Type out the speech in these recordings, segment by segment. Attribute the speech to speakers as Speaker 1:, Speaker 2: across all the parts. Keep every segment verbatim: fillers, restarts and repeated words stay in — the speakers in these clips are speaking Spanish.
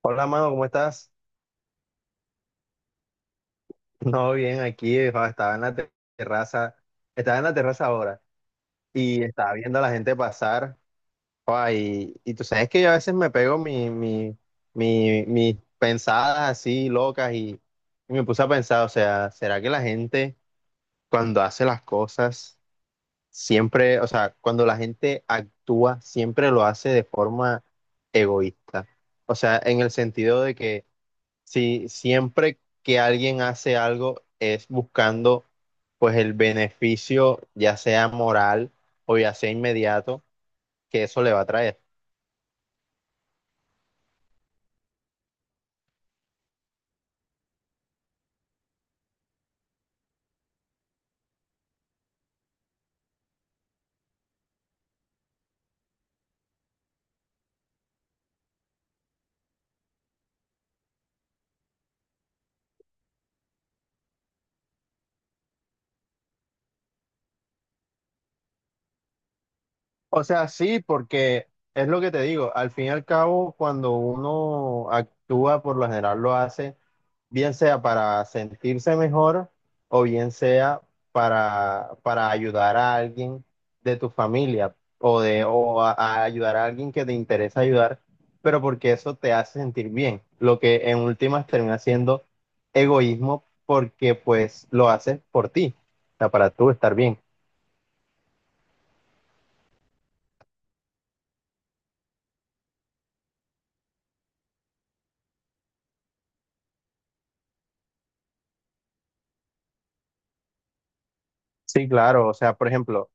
Speaker 1: Hola, mano, ¿cómo estás? No, bien, aquí eh, jo, estaba en la te- terraza, estaba en la terraza ahora y estaba viendo a la gente pasar. Jo, y, y tú sabes que yo a veces me pego mi, mi, mi- mis pensadas así locas y, y me puse a pensar, o sea, ¿será que la gente cuando hace las cosas siempre, o sea, cuando la gente actúa siempre lo hace de forma egoísta? O sea, en el sentido de que sí, siempre que alguien hace algo es buscando pues el beneficio, ya sea moral o ya sea inmediato, que eso le va a traer. O sea, sí, porque es lo que te digo, al fin y al cabo, cuando uno actúa, por lo general lo hace, bien sea para sentirse mejor o bien sea para, para ayudar a alguien de tu familia o, de, o a, a ayudar a alguien que te interesa ayudar, pero porque eso te hace sentir bien, lo que en últimas termina siendo egoísmo porque pues lo haces por ti, o sea, para tú estar bien. Sí, claro, o sea, por ejemplo,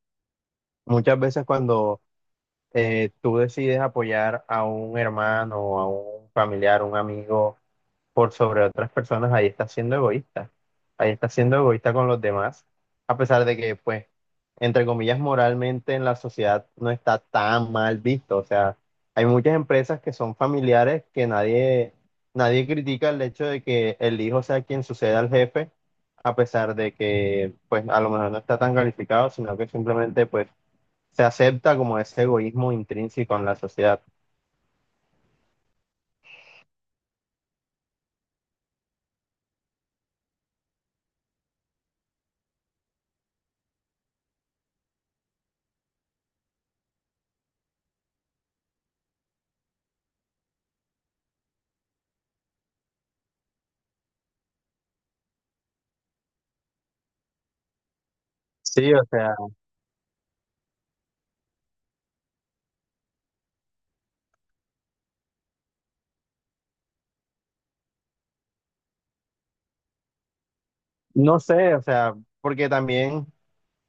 Speaker 1: muchas veces cuando eh, tú decides apoyar a un hermano, a un familiar, un amigo, por sobre otras personas, ahí está siendo egoísta. Ahí está siendo egoísta con los demás, a pesar de que, pues, entre comillas, moralmente en la sociedad no está tan mal visto. O sea, hay muchas empresas que son familiares que nadie, nadie critica el hecho de que el hijo sea quien suceda al jefe, a pesar de que, pues, a lo mejor no está tan calificado, sino que simplemente, pues, se acepta como ese egoísmo intrínseco en la sociedad. Sí, o sea, no sé, o sea, porque también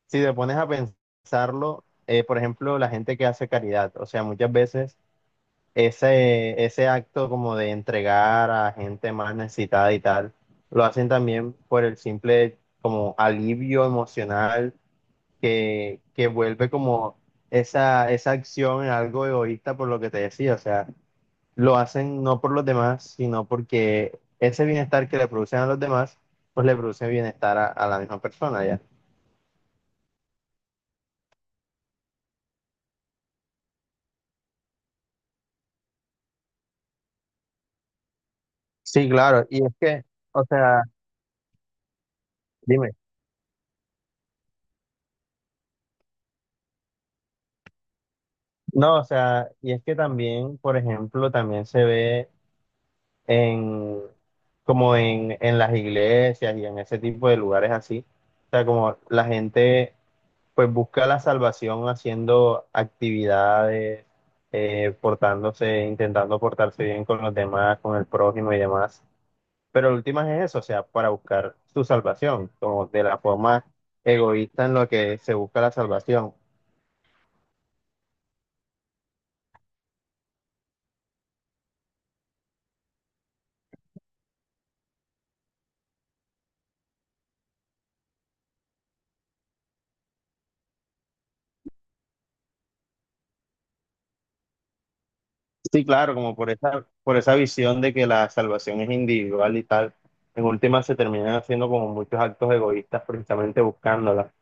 Speaker 1: si te pones a pensarlo, eh, por ejemplo, la gente que hace caridad, o sea, muchas veces ese, ese acto como de entregar a gente más necesitada y tal, lo hacen también por el simple como alivio emocional que, que vuelve como esa, esa acción en algo egoísta por lo que te decía, o sea, lo hacen no por los demás, sino porque ese bienestar que le producen a los demás, pues le produce bienestar a, a la misma persona, ¿ya? Sí, claro, y es que... O sea, dime. No, o sea, y es que también, por ejemplo, también se ve en, como en, en las iglesias y en ese tipo de lugares así. O sea, como la gente pues busca la salvación haciendo actividades, eh, portándose, intentando portarse bien con los demás, con el prójimo y demás. Pero lo último es eso, o sea, para buscar su salvación, como de la forma egoísta en lo que se busca la salvación. Sí, claro, como por esa, por esa visión de que la salvación es individual y tal, en última se terminan haciendo como muchos actos egoístas precisamente buscándola.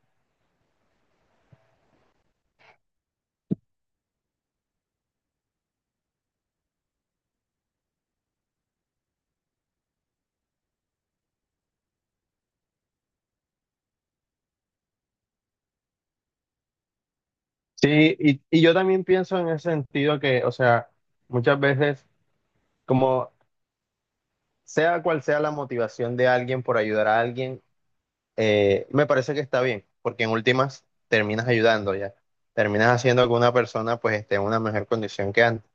Speaker 1: Sí, y, y yo también pienso en ese sentido que, o sea, muchas veces, como sea cual sea la motivación de alguien por ayudar a alguien, eh, me parece que está bien, porque en últimas terminas ayudando ya, terminas haciendo que una persona pues esté en una mejor condición que antes.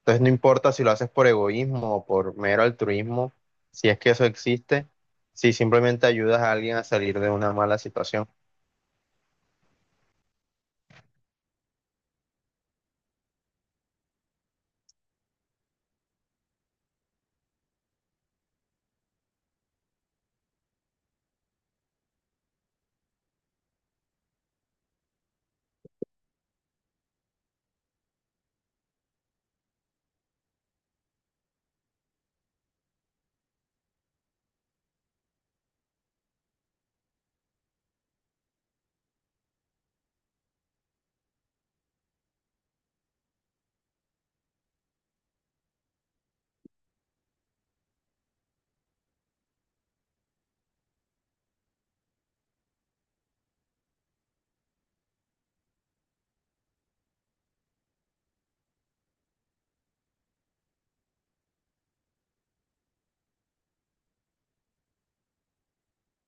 Speaker 1: Entonces no importa si lo haces por egoísmo o por mero altruismo, si es que eso existe, si simplemente ayudas a alguien a salir de una mala situación.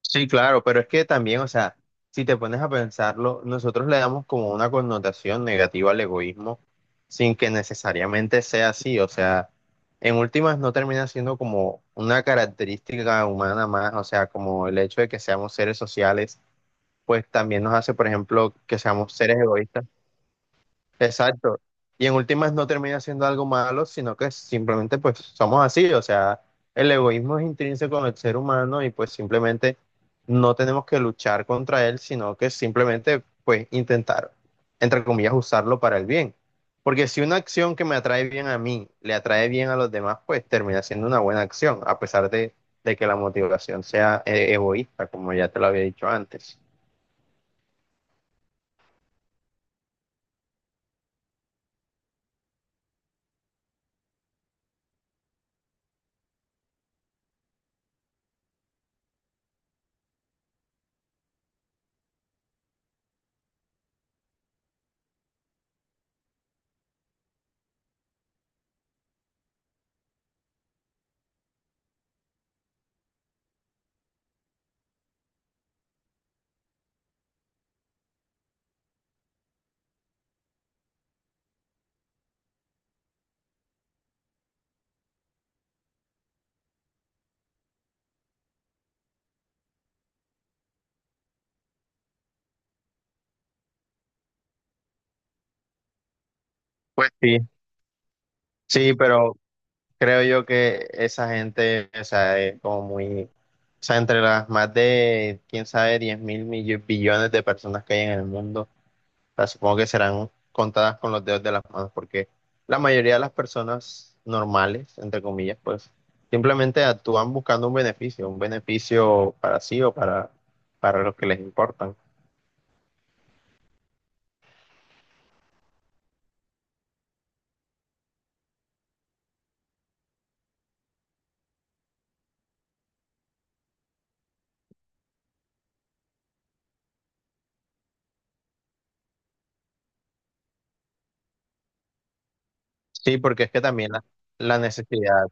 Speaker 1: Sí, claro, pero es que también, o sea, si te pones a pensarlo, nosotros le damos como una connotación negativa al egoísmo sin que necesariamente sea así, o sea, en últimas no termina siendo como una característica humana más, o sea, como el hecho de que seamos seres sociales, pues también nos hace, por ejemplo, que seamos seres egoístas. Exacto. Y en últimas no termina siendo algo malo, sino que simplemente pues somos así. O sea, el egoísmo es intrínseco en el ser humano y pues simplemente no tenemos que luchar contra él, sino que simplemente pues intentar, entre comillas, usarlo para el bien. Porque si una acción que me atrae bien a mí le atrae bien a los demás, pues termina siendo una buena acción, a pesar de, de que la motivación sea eh, egoísta, como ya te lo había dicho antes. Pues sí, sí, pero creo yo que esa gente, o sea, es como muy, o sea, entre las más de, quién sabe, diez mil millo- billones de personas que hay en el mundo, o sea, supongo que serán contadas con los dedos de las manos, porque la mayoría de las personas normales, entre comillas, pues simplemente actúan buscando un beneficio, un beneficio para sí o para, para los que les importan. Sí, porque es que también la, la necesidad.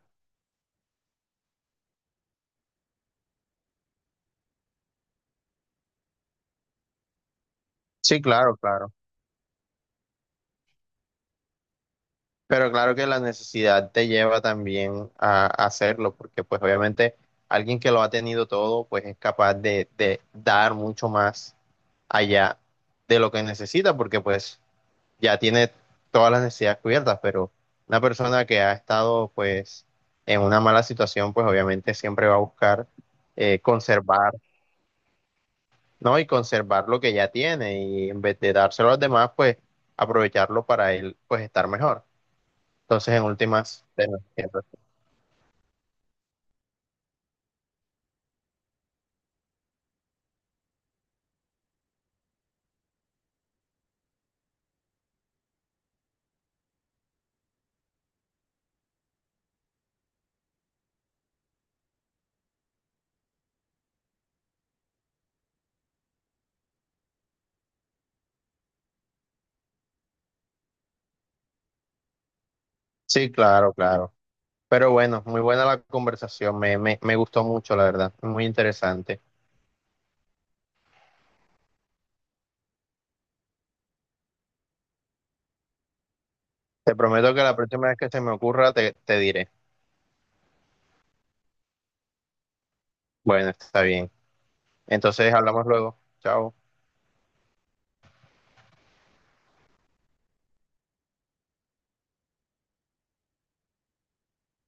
Speaker 1: Sí, claro, claro. Pero claro que la necesidad te lleva también a a hacerlo, porque pues obviamente alguien que lo ha tenido todo, pues es capaz de, de dar mucho más allá de lo que necesita, porque pues ya tiene todas las necesidades cubiertas, pero una persona que ha estado pues en una mala situación, pues obviamente siempre va a buscar eh, conservar, ¿no? Y conservar lo que ya tiene y en vez de dárselo a los demás, pues aprovecharlo para él, pues estar mejor. Entonces, en últimas, te lo entiendo. Sí, claro, claro. Pero bueno, muy buena la conversación, me, me, me gustó mucho, la verdad, muy interesante. Te prometo que la próxima vez que se me ocurra, te, te diré. Bueno, está bien. Entonces, hablamos luego. Chao.